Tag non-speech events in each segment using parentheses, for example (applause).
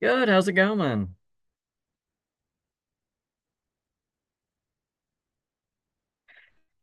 Good, how's it going?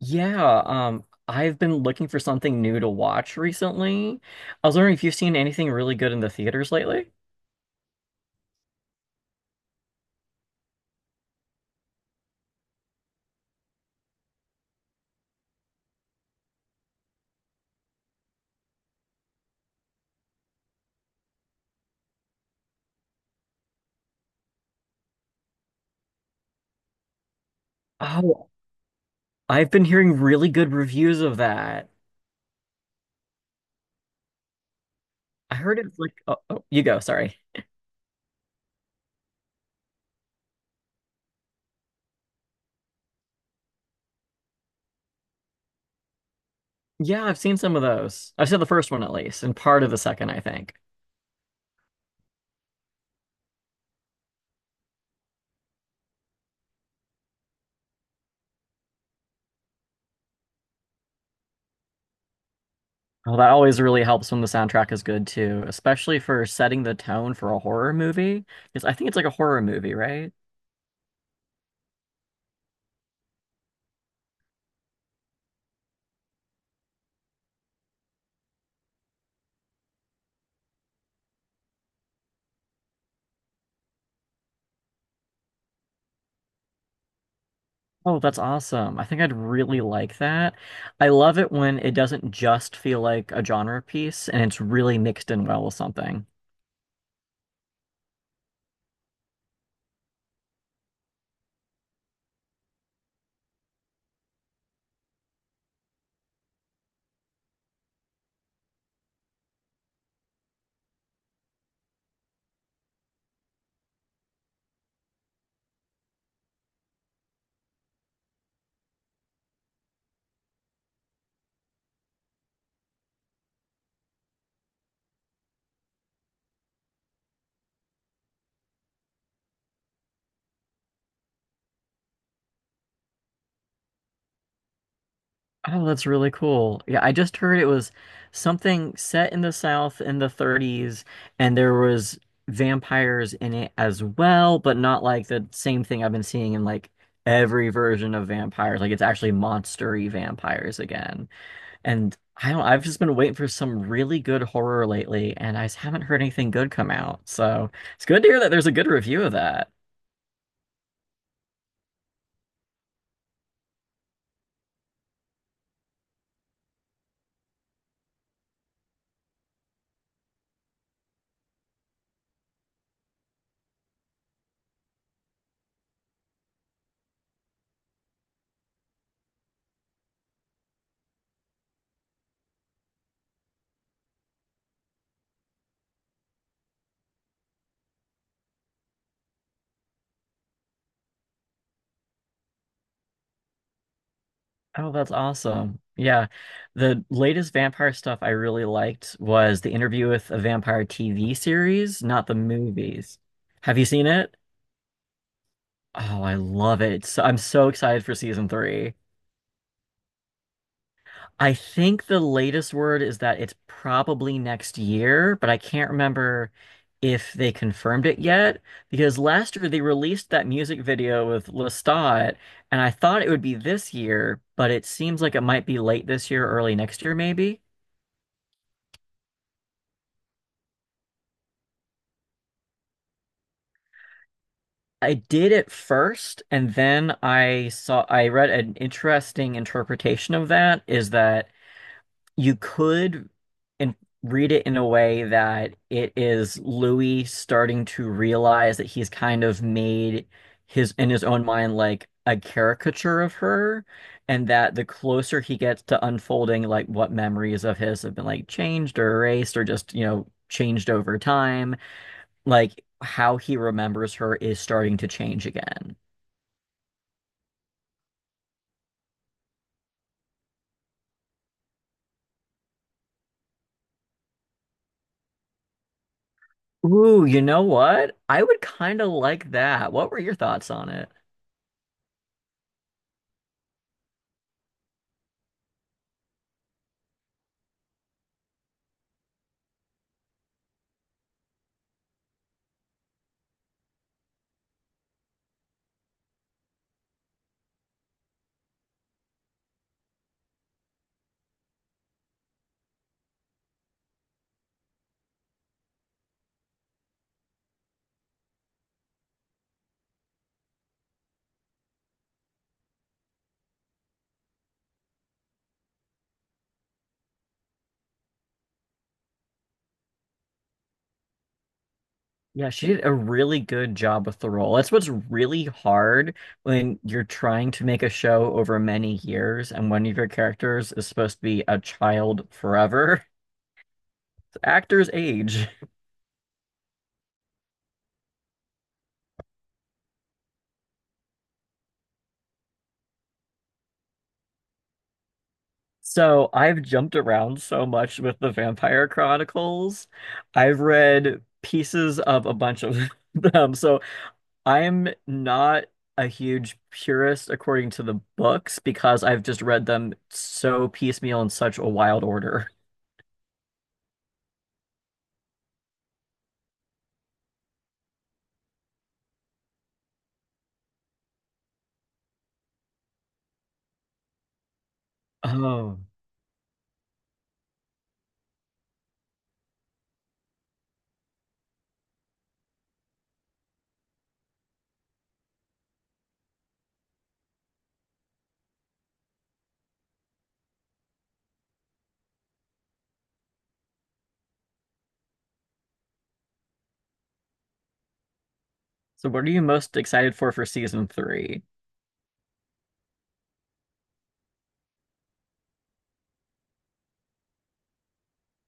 Yeah, I've been looking for something new to watch recently. I was wondering if you've seen anything really good in the theaters lately? Oh, I've been hearing really good reviews of that. I heard it's like, oh, you go, sorry. Yeah, I've seen some of those. I've seen the first one at least, and part of the second, I think. Oh, that always really helps when the soundtrack is good too, especially for setting the tone for a horror movie. Because I think it's like a horror movie, right? Oh, that's awesome. I think I'd really like that. I love it when it doesn't just feel like a genre piece and it's really mixed in well with something. Oh, that's really cool. Yeah, I just heard it was something set in the South in the 30s and there was vampires in it as well, but not like the same thing I've been seeing in like every version of vampires. Like it's actually monster-y vampires again. And I don't, I've just been waiting for some really good horror lately, and I just haven't heard anything good come out. So it's good to hear that there's a good review of that. Oh, that's awesome. Yeah. The latest vampire stuff I really liked was The Interview with a Vampire TV series, not the movies. Have you seen it? Oh, I love it. So, I'm so excited for season three. I think the latest word is that it's probably next year, but I can't remember if they confirmed it yet because last year they released that music video with Lestat, and I thought it would be this year, but it seems like it might be late this year, early next year, maybe. I did it first, and then I read an interesting interpretation of that is that you could in, read it in a way that it is Louis starting to realize that he's kind of made his in his own mind like a caricature of her, and that the closer he gets to unfolding like what memories of his have been like changed or erased or just, you know, changed over time, like how he remembers her is starting to change again. Ooh, you know what? I would kind of like that. What were your thoughts on it? Yeah, she did a really good job with the role. That's what's really hard when you're trying to make a show over many years and one of your characters is supposed to be a child forever. (laughs) Actors age. So I've jumped around so much with the Vampire Chronicles. I've read pieces of a bunch of (laughs) them. So I'm not a huge purist according to the books because I've just read them so piecemeal in such a wild order. Oh. So what are you most excited for season three?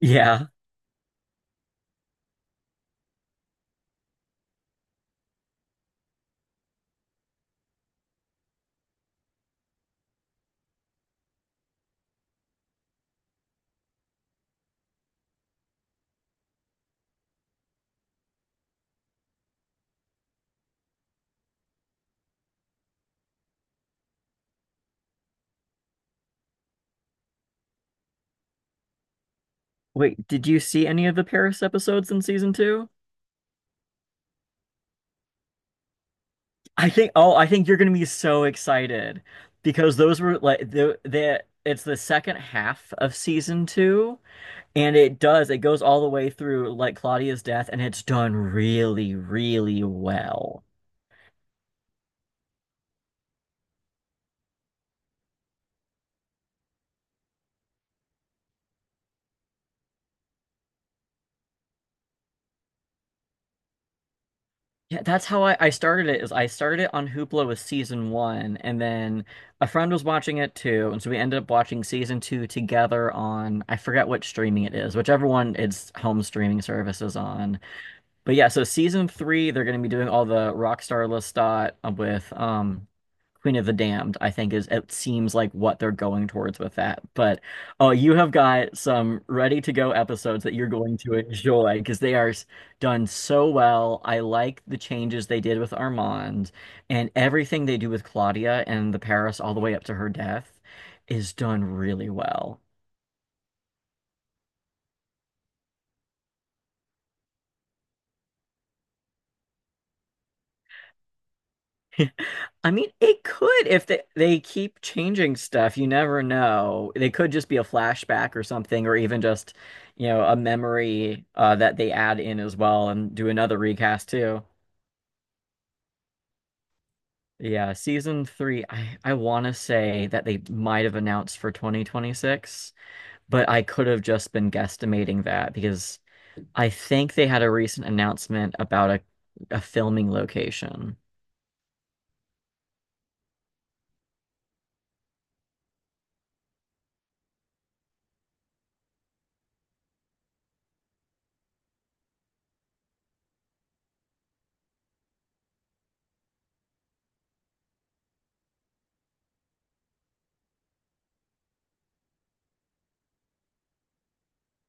Yeah. Wait, did you see any of the Paris episodes in season two? I think, oh, I think you're gonna be so excited because those were like the, it's the second half of season two, and it does it goes all the way through like Claudia's death, and it's done really, really well. Yeah, that's how I started it is I started it on Hoopla with season one, and then a friend was watching it too, and so we ended up watching season two together on I forget what streaming it is, whichever one its home streaming service is on. But yeah, so season three, they're gonna be doing all the Rockstar Lestat with Queen of the Damned, I think is it seems like what they're going towards with that. But oh, you have got some ready to go episodes that you're going to enjoy because they are done so well. I like the changes they did with Armand and everything they do with Claudia and the Paris all the way up to her death is done really well. (laughs) I mean, it could if they, they keep changing stuff, you never know. They could just be a flashback or something, or even just, you know, a memory that they add in as well and do another recast too. Yeah, season three, I want to say that they might have announced for 2026, but I could have just been guesstimating that because I think they had a recent announcement about a filming location.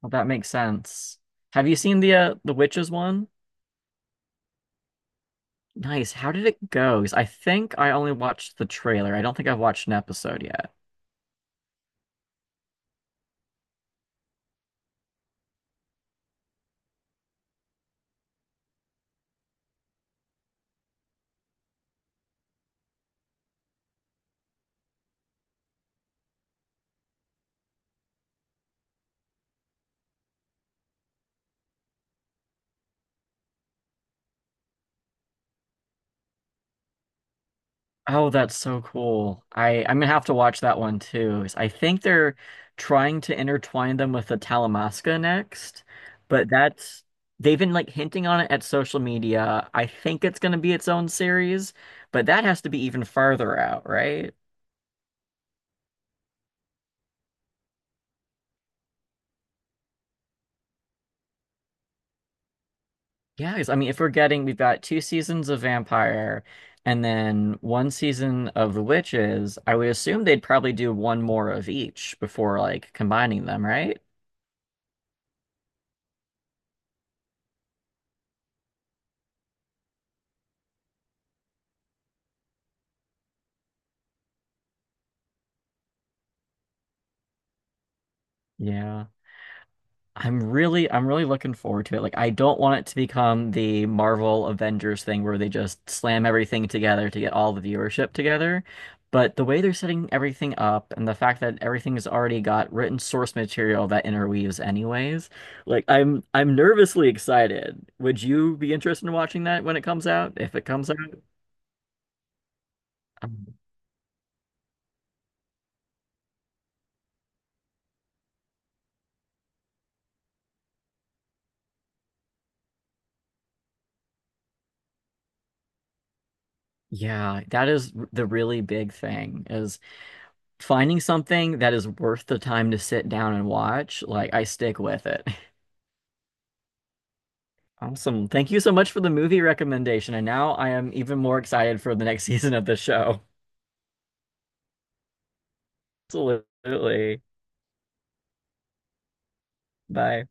Well, that makes sense. Have you seen the Witches one? Nice. How did it go? 'Cause I think I only watched the trailer. I don't think I've watched an episode yet. Oh, that's so cool. I'm gonna have to watch that one too. 'Cause I think they're trying to intertwine them with the Talamasca next, but that's they've been like hinting on it at social media. I think it's gonna be its own series, but that has to be even farther out, right? Yeah, because I mean, if we're getting, we've got two seasons of Vampire and then one season of The Witches, I would assume they'd probably do one more of each before like combining them, right? Yeah. I'm really looking forward to it. Like I don't want it to become the Marvel Avengers thing where they just slam everything together to get all the viewership together. But the way they're setting everything up and the fact that everything has already got written source material that interweaves anyways, like I'm nervously excited. Would you be interested in watching that when it comes out? If it comes out? Um, yeah, that is the really big thing is finding something that is worth the time to sit down and watch. Like I stick with it. (laughs) Awesome. Thank you so much for the movie recommendation. And now I am even more excited for the next (laughs) season of the show. Absolutely. Bye.